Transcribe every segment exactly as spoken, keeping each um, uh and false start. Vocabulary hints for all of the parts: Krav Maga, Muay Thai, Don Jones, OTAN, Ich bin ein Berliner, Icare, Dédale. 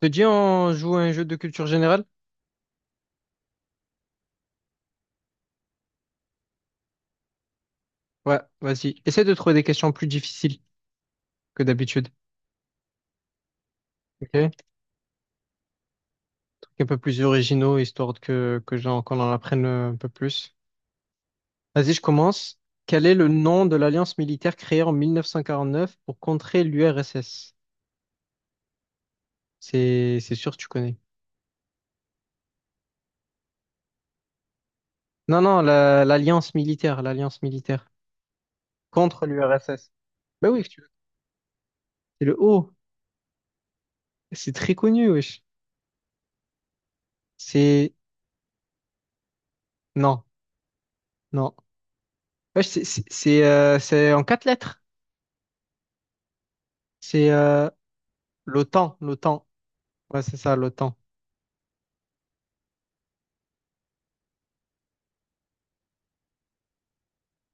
Te dit on joue à un jeu de culture générale? Ouais, vas-y. Essaie de trouver des questions plus difficiles que d'habitude. Ok? Des trucs un peu plus originaux, histoire que, que j'en, qu'on en apprenne un peu plus. Vas-y, je commence. Quel est le nom de l'alliance militaire créée en mille neuf cent quarante-neuf pour contrer l'U R S S? C'est, c'est sûr que tu connais. Non, non, la- l'alliance militaire, l'alliance militaire contre l'U R S S. Ben oui, tu veux. C'est le O. C'est très connu, wesh. C'est, non, non. Wesh, c'est, c'est, c'est euh, c'est en quatre lettres. C'est euh, l'OTAN, l'OTAN. Ouais, c'est ça, l'OTAN.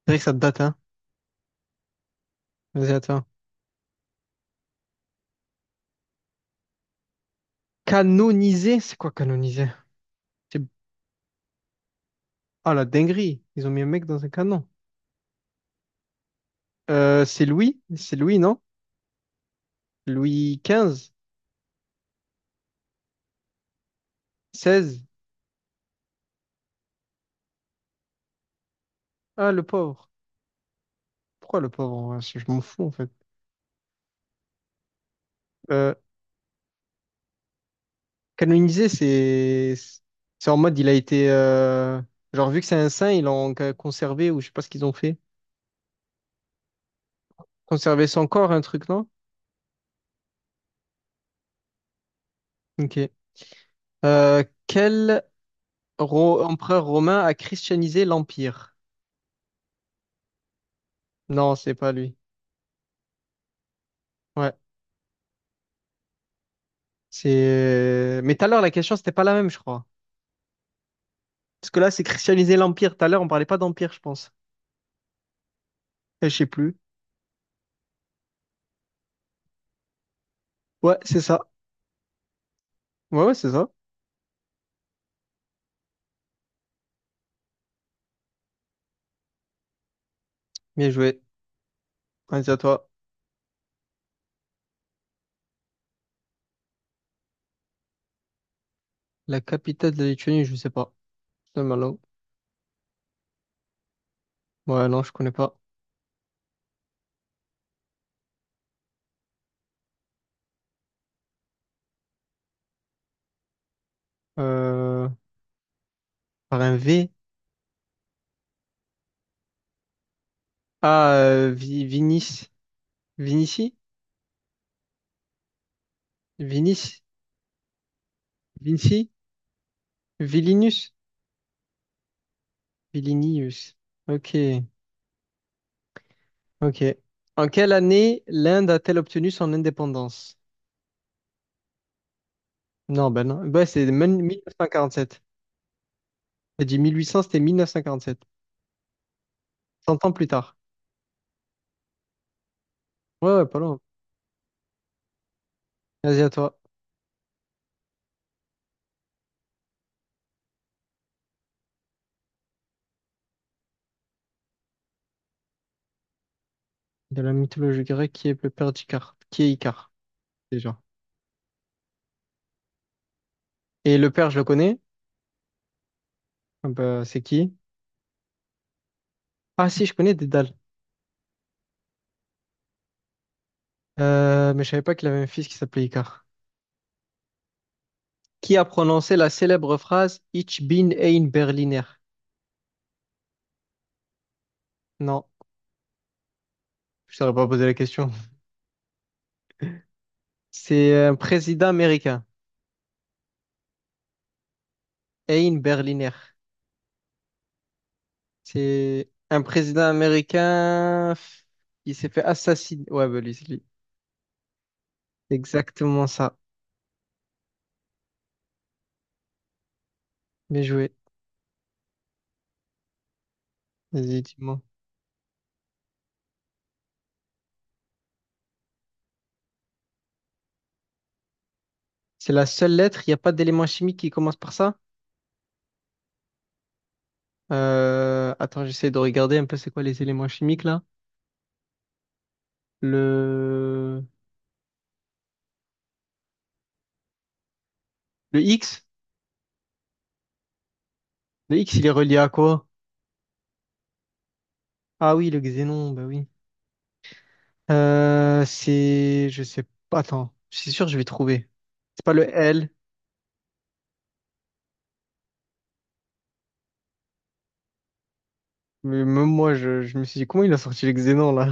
C'est vrai que ça date, hein. Vas-y, à toi. Canonisé, c'est quoi canoniser? C'est... Ah, la dinguerie. Ils ont mis un mec dans un canon. Euh, c'est Louis? C'est Louis, non? Louis quinze seize. Ah, le pauvre. Pourquoi le pauvre? En vrai, Je je m'en fous, en fait. Euh, Canonisé, c'est... C'est en mode, il a été... euh, Genre, vu que c'est un saint, ils l'ont ca- conservé, ou je sais pas ce qu'ils ont fait. Conserver son corps, un truc, non? Ok. Euh, quel... Ro- empereur romain a christianisé l'Empire. Non, c'est pas lui. Ouais, c'est. Mais tout à l'heure, la question, c'était pas la même, je crois. Parce que là, c'est christianiser l'Empire. Tout à l'heure, on parlait pas d'Empire, je pense. Euh, Je sais plus. Ouais, c'est ça. Ouais, ouais, c'est ça. Bien joué. Vas-y, à toi. La capitale de la Lituanie, je sais pas. C'est malin. Ouais, non, je connais pas. Euh... Par un V. Ah, euh, Vi- Vinis. Vinici? Vinis? Vinci? Vilinus? Vilinius. Ok. Ok. En quelle année l'Inde a-t-elle obtenu son indépendance? Non, ben non. Ben, c'est même mille neuf cent quarante-sept. J'ai dit mille huit cents, c'était mille neuf cent quarante-sept. cent ans plus tard. Ouais, ouais, pas loin. Vas-y, à toi. De la mythologie grecque, qui est le père d'Icare? Qui est Icare, déjà? Et le père, je le connais. Ah ben, c'est qui? Ah si, je connais Dédale. Euh, mais je savais pas qu'il avait un fils qui s'appelait Icare. Qui a prononcé la célèbre phrase Ich bin ein Berliner? Non, je ne saurais pas poser la question. C'est un président américain. Ein Berliner. C'est un président américain. f- Il s'est fait assassiner. Ouais, bah lui, c'est lui. Exactement ça. Bien joué. Vas-y, dis-moi. C'est la seule lettre. Il n'y a pas d'élément chimique qui commence par ça. Euh, Attends, j'essaie de regarder un peu c'est quoi les éléments chimiques là. Le... Le X? Le X, il est relié à quoi? Ah oui, le xénon, bah oui. Euh, c'est. Je sais pas. Attends, je suis sûr, que je vais trouver. C'est pas le L. Mais même moi, je, je me suis dit, comment il a sorti le xénon là?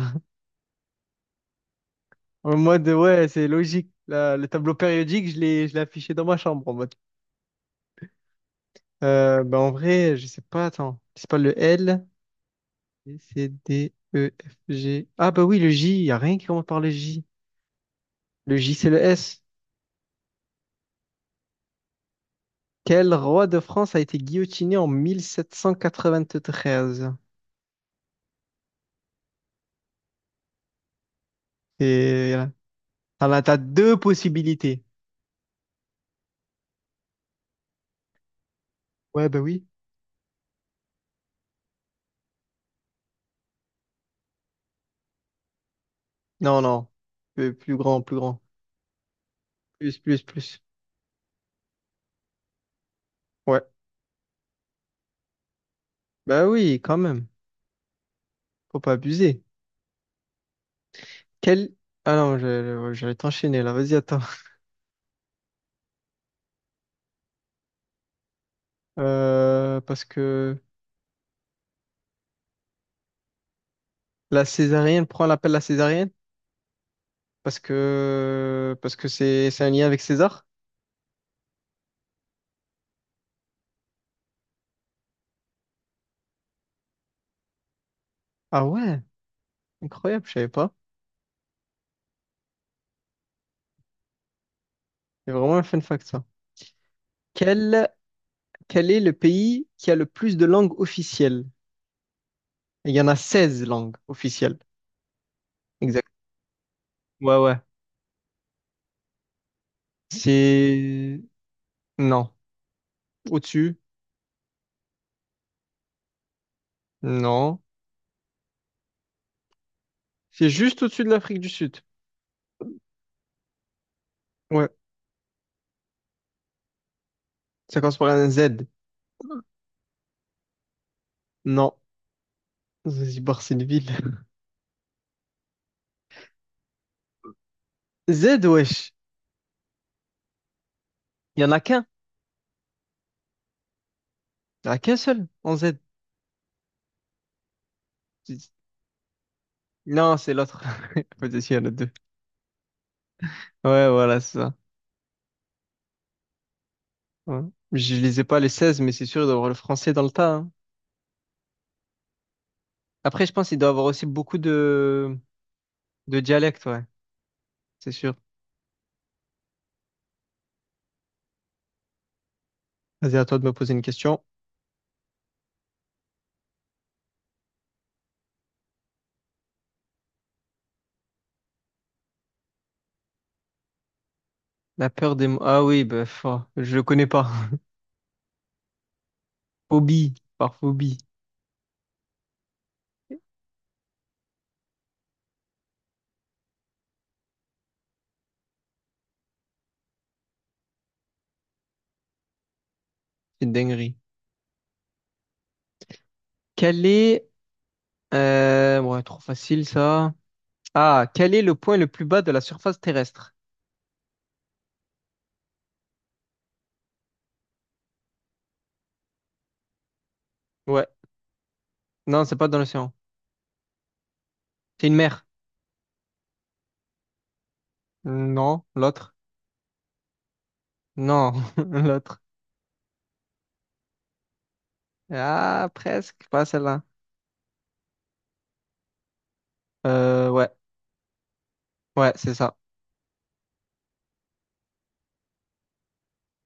En mode, ouais, c'est logique. La- le tableau périodique, je l'ai, je l'ai affiché dans ma chambre en mode. Euh, bah, en vrai, je sais pas, attends. C'est pas le L, B, C, D, E, F, G. Ah, bah oui, le J, y a rien qui commence par le J. Le J, c'est le S. Quel roi de France a été guillotiné en mille sept cent quatre-vingt-treize? Et voilà. T'en as- T'as deux possibilités. Ouais, bah oui. Non, non. Plus, plus grand, plus grand. Plus, plus, plus. Ouais. Bah oui, quand même. Faut pas abuser. Quel... Ah non, je- je- j'allais t'enchaîner là, vas-y, attends. Euh, parce que la césarienne, pourquoi on l'appelle la césarienne? Parce que parce que c'est c'est un lien avec César? Ah ouais, incroyable, je savais pas. C'est vraiment un fun fact ça. Quel, quel est le pays qui a le plus de langues officielles? Il y en a seize langues officielles. Exact. Ouais, ouais. C'est... Non. Au-dessus? Non. C'est juste au-dessus de l'Afrique du Sud. Ouais. Ça commence par un Z. Non. Zanzibar, c'est une ville. Z, wesh. Il y en a qu'un. Il y en a qu'un seul en Z. Non, c'est l'autre. Peut-être qu'il y en a deux. Ouais, voilà, c'est ça. Ouais. Je lisais pas les seize mais c'est sûr, il doit avoir le français dans le tas, hein. Après, je pense qu'il doit avoir aussi beaucoup de, de dialectes, ouais. C'est sûr. Vas-y, à toi de me poser une question. La peur des mots. Ah oui, bah, pff, je le connais pas. Phobie. Par phobie. C'est une dinguerie. Quel... est... euh, Ouais, trop facile, ça. Ah, quel est le point le plus bas de la surface terrestre? Ouais. Non, c'est pas dans l'océan. C'est une mère. Non, l'autre. Non, l'autre. Ah, presque, pas celle-là. Euh, ouais, ouais, c'est ça.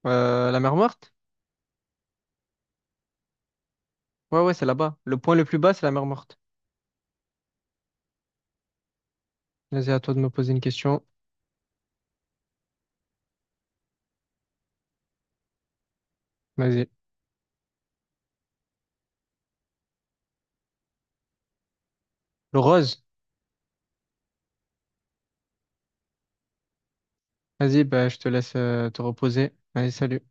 Euh, la mer morte? Ouais, ouais, c'est là-bas. Le point le plus bas, c'est la mer morte. Vas-y, à toi de me poser une question. Vas-y. Le rose? Vas-y, bah, je te laisse euh, te reposer. Allez, salut.